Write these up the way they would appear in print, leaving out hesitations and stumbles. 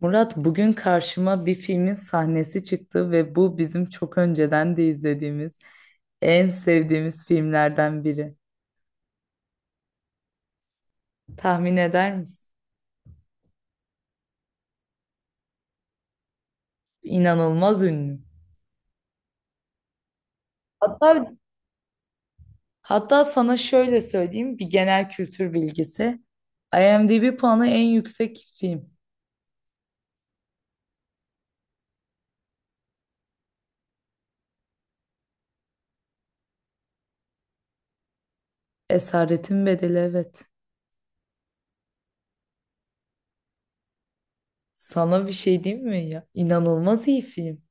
Murat bugün karşıma bir filmin sahnesi çıktı ve bu bizim çok önceden de izlediğimiz en sevdiğimiz filmlerden biri. Tahmin eder misin? İnanılmaz ünlü. Hatta hatta sana şöyle söyleyeyim, bir genel kültür bilgisi. IMDb puanı en yüksek film. Esaretin Bedeli, evet. Sana bir şey diyeyim mi ya? İnanılmaz iyi film.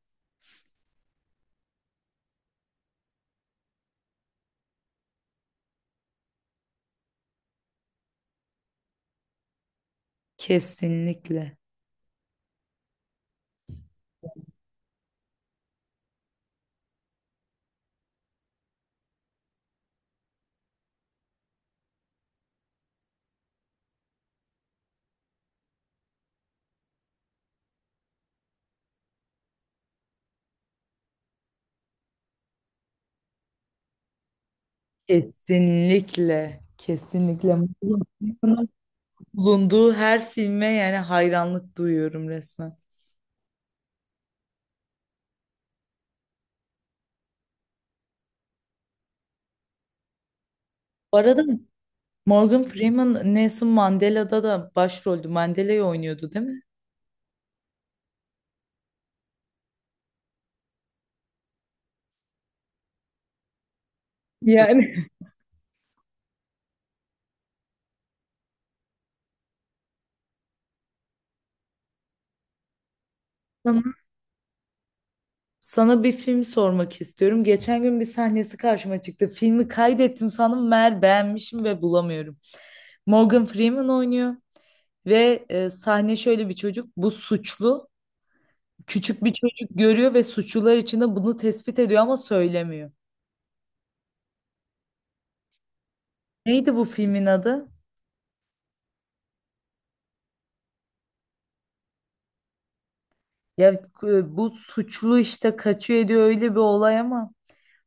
Kesinlikle. Kesinlikle. Kesinlikle. Bulunduğu her filme yani hayranlık duyuyorum resmen. Bu arada Morgan Freeman Nelson Mandela'da da başroldü. Mandela'yı oynuyordu değil mi? Yani sana, sana bir film sormak istiyorum. Geçen gün bir sahnesi karşıma çıktı. Filmi kaydettim sandım, meğer beğenmişim ve bulamıyorum. Morgan Freeman oynuyor ve sahne şöyle, bir çocuk, bu suçlu. Küçük bir çocuk görüyor ve suçlular içinde bunu tespit ediyor ama söylemiyor. Neydi bu filmin adı? Ya bu suçlu işte, kaçıyor ediyor, öyle bir olay ama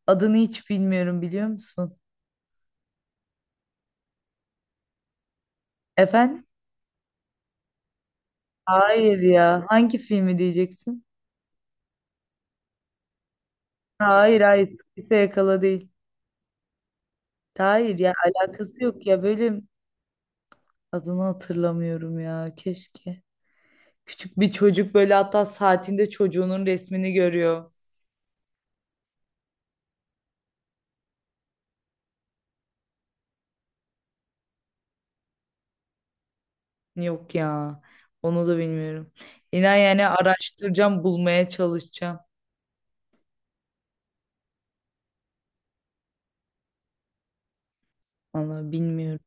adını hiç bilmiyorum, biliyor musun? Efendim? Hayır ya. Hangi filmi diyeceksin? Hayır, hayır. Kimse yakala değil. Hayır ya, alakası yok ya, böyle adını hatırlamıyorum ya, keşke. Küçük bir çocuk böyle, hatta saatinde çocuğunun resmini görüyor. Yok ya, onu da bilmiyorum. İnan yani, araştıracağım, bulmaya çalışacağım. Vallahi bilmiyorum.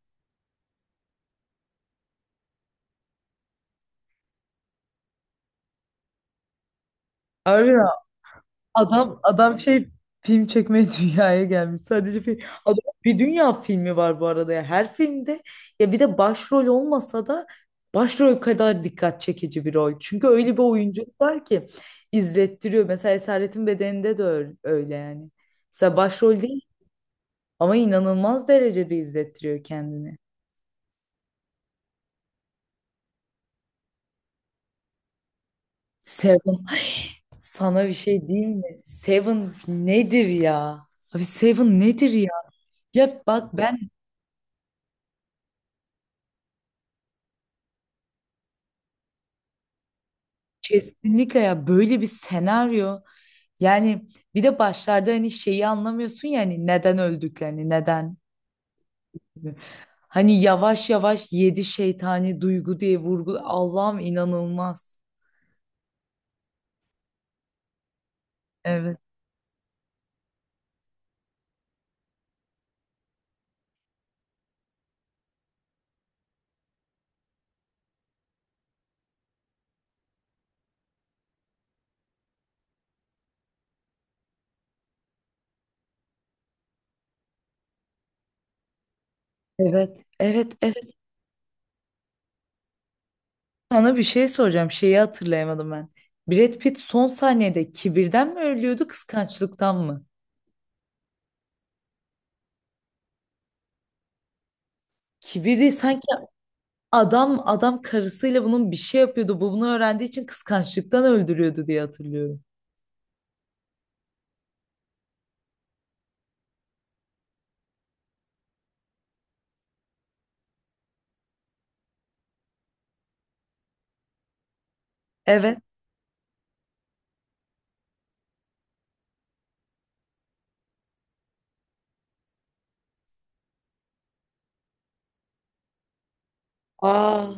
Harbi mi? Adam adam şey, film çekmeye dünyaya gelmiş. Sadece film. Adam, bir dünya filmi var bu arada ya. Her filmde ya bir de başrol olmasa da başrol kadar dikkat çekici bir rol. Çünkü öyle bir oyunculuk var ki izlettiriyor. Mesela Esaretin Bedeni'nde de öyle, öyle yani. Mesela başrol değil ama inanılmaz derecede izlettiriyor kendini. Seven. Sana bir şey diyeyim mi? Seven nedir ya? Abi Seven nedir ya? Ya bak ben, kesinlikle ya, böyle bir senaryo yani. Bir de başlarda hani şeyi anlamıyorsun yani, neden öldüklerini, neden, hani yavaş yavaş yedi şeytani duygu diye vurgul... Allah'ım, inanılmaz. Evet. Evet. Evet, evet, sana bir şey soracağım, şeyi hatırlayamadım ben. Brad Pitt son saniyede kibirden mi ölüyordu, kıskançlıktan mı? Kibir değil sanki, adam adam karısıyla bunun bir şey yapıyordu, bu bunu öğrendiği için kıskançlıktan öldürüyordu diye hatırlıyorum. Evet. Aa,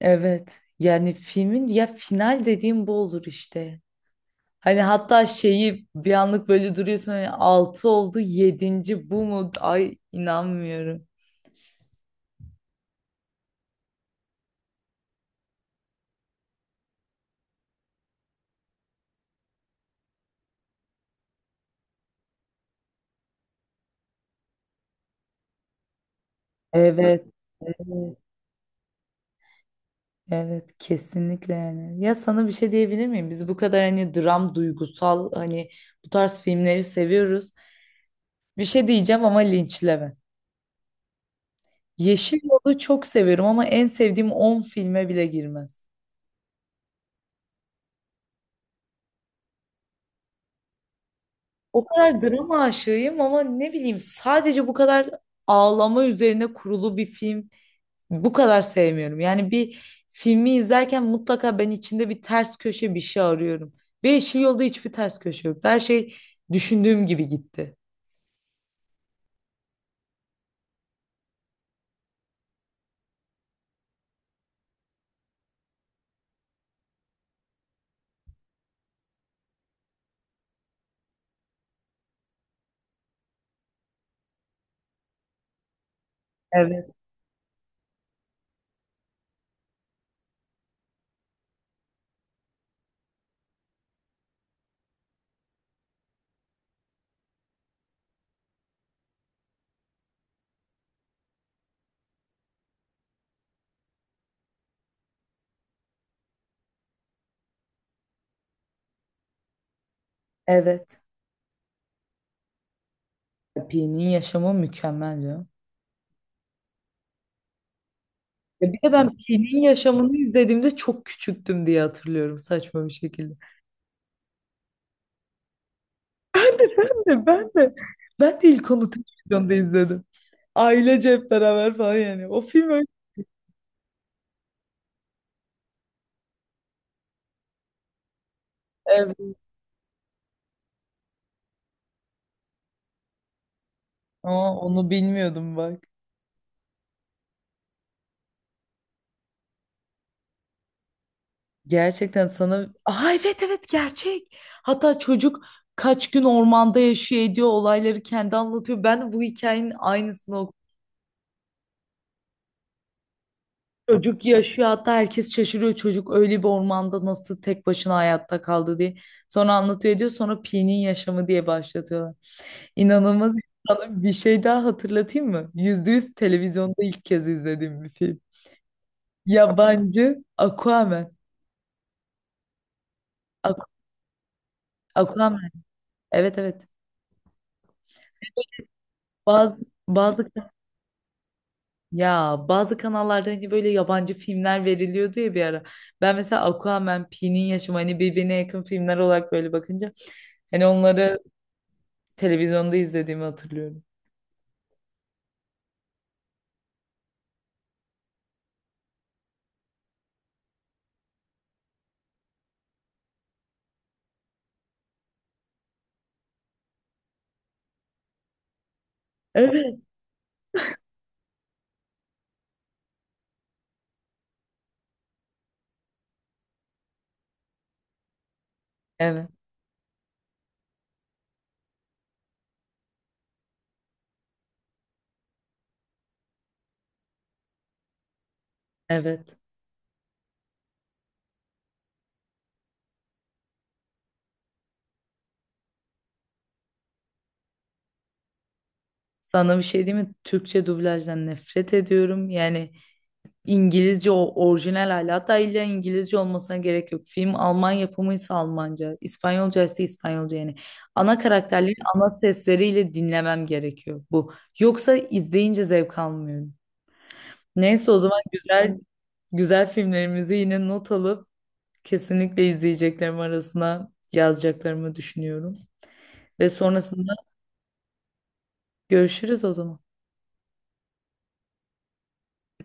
evet. Yani filmin ya final dediğim bu olur işte. Hani hatta şeyi bir anlık böyle duruyorsun, hani 6 oldu, yedinci bu mu? Ay, inanmıyorum. Evet. Evet. Evet, kesinlikle yani. Ya sana bir şey diyebilir miyim? Biz bu kadar hani dram, duygusal, hani bu tarz filmleri seviyoruz. Bir şey diyeceğim ama linçleme. Yeşil Yol'u çok seviyorum ama en sevdiğim 10 filme bile girmez. O kadar drama aşığıyım ama ne bileyim, sadece bu kadar ağlama üzerine kurulu bir film bu kadar sevmiyorum. Yani bir filmi izlerken mutlaka ben içinde bir ters köşe, bir şey arıyorum. Ve Yeşil Yolda hiçbir ters köşe yoktu. Her şey düşündüğüm gibi gitti. Evet. Evet. Pi'nin yaşamı mükemmel, canım. Ya bir de ben Pi'nin yaşamını izlediğimde çok küçüktüm diye hatırlıyorum, saçma bir şekilde. Ben de ben de ben de ilk onu televizyonda izledim. Ailece hep beraber falan yani. O film öyle. Evet. Aa, onu bilmiyordum bak. Gerçekten sana... Aa, evet evet, gerçek. Hatta çocuk kaç gün ormanda yaşıyor ediyor, olayları kendi anlatıyor. Ben bu hikayenin aynısını... Çocuk yaşıyor, hatta herkes şaşırıyor çocuk öyle bir ormanda nasıl tek başına hayatta kaldı diye. Sonra anlatıyor ediyor, sonra Pi'nin yaşamı diye başlatıyorlar. İnanılmaz. Sana bir şey daha hatırlatayım mı? %100 televizyonda ilk kez izlediğim bir film. Yabancı Aquaman. Aqu- Aquaman. Evet, evet. Bazı bazı ya, bazı kanallarda hani böyle yabancı filmler veriliyordu ya bir ara. Ben mesela Aquaman, Pi'nin yaşamı hani birbirine yakın filmler olarak böyle bakınca, hani onları televizyonda izlediğimi hatırlıyorum. Evet. Evet. Evet. Sana bir şey diyeyim mi? Türkçe dublajdan nefret ediyorum. Yani İngilizce, o orijinal hali. Hatta illa İngilizce olmasına gerek yok. Film Alman yapımıysa Almanca, İspanyolca ise İspanyolca yani. Ana karakterleri ana sesleriyle dinlemem gerekiyor bu. Yoksa izleyince zevk almıyorum. Neyse, o zaman güzel güzel filmlerimizi yine not alıp kesinlikle izleyeceklerim arasına yazacaklarımı düşünüyorum. Ve sonrasında görüşürüz o zaman.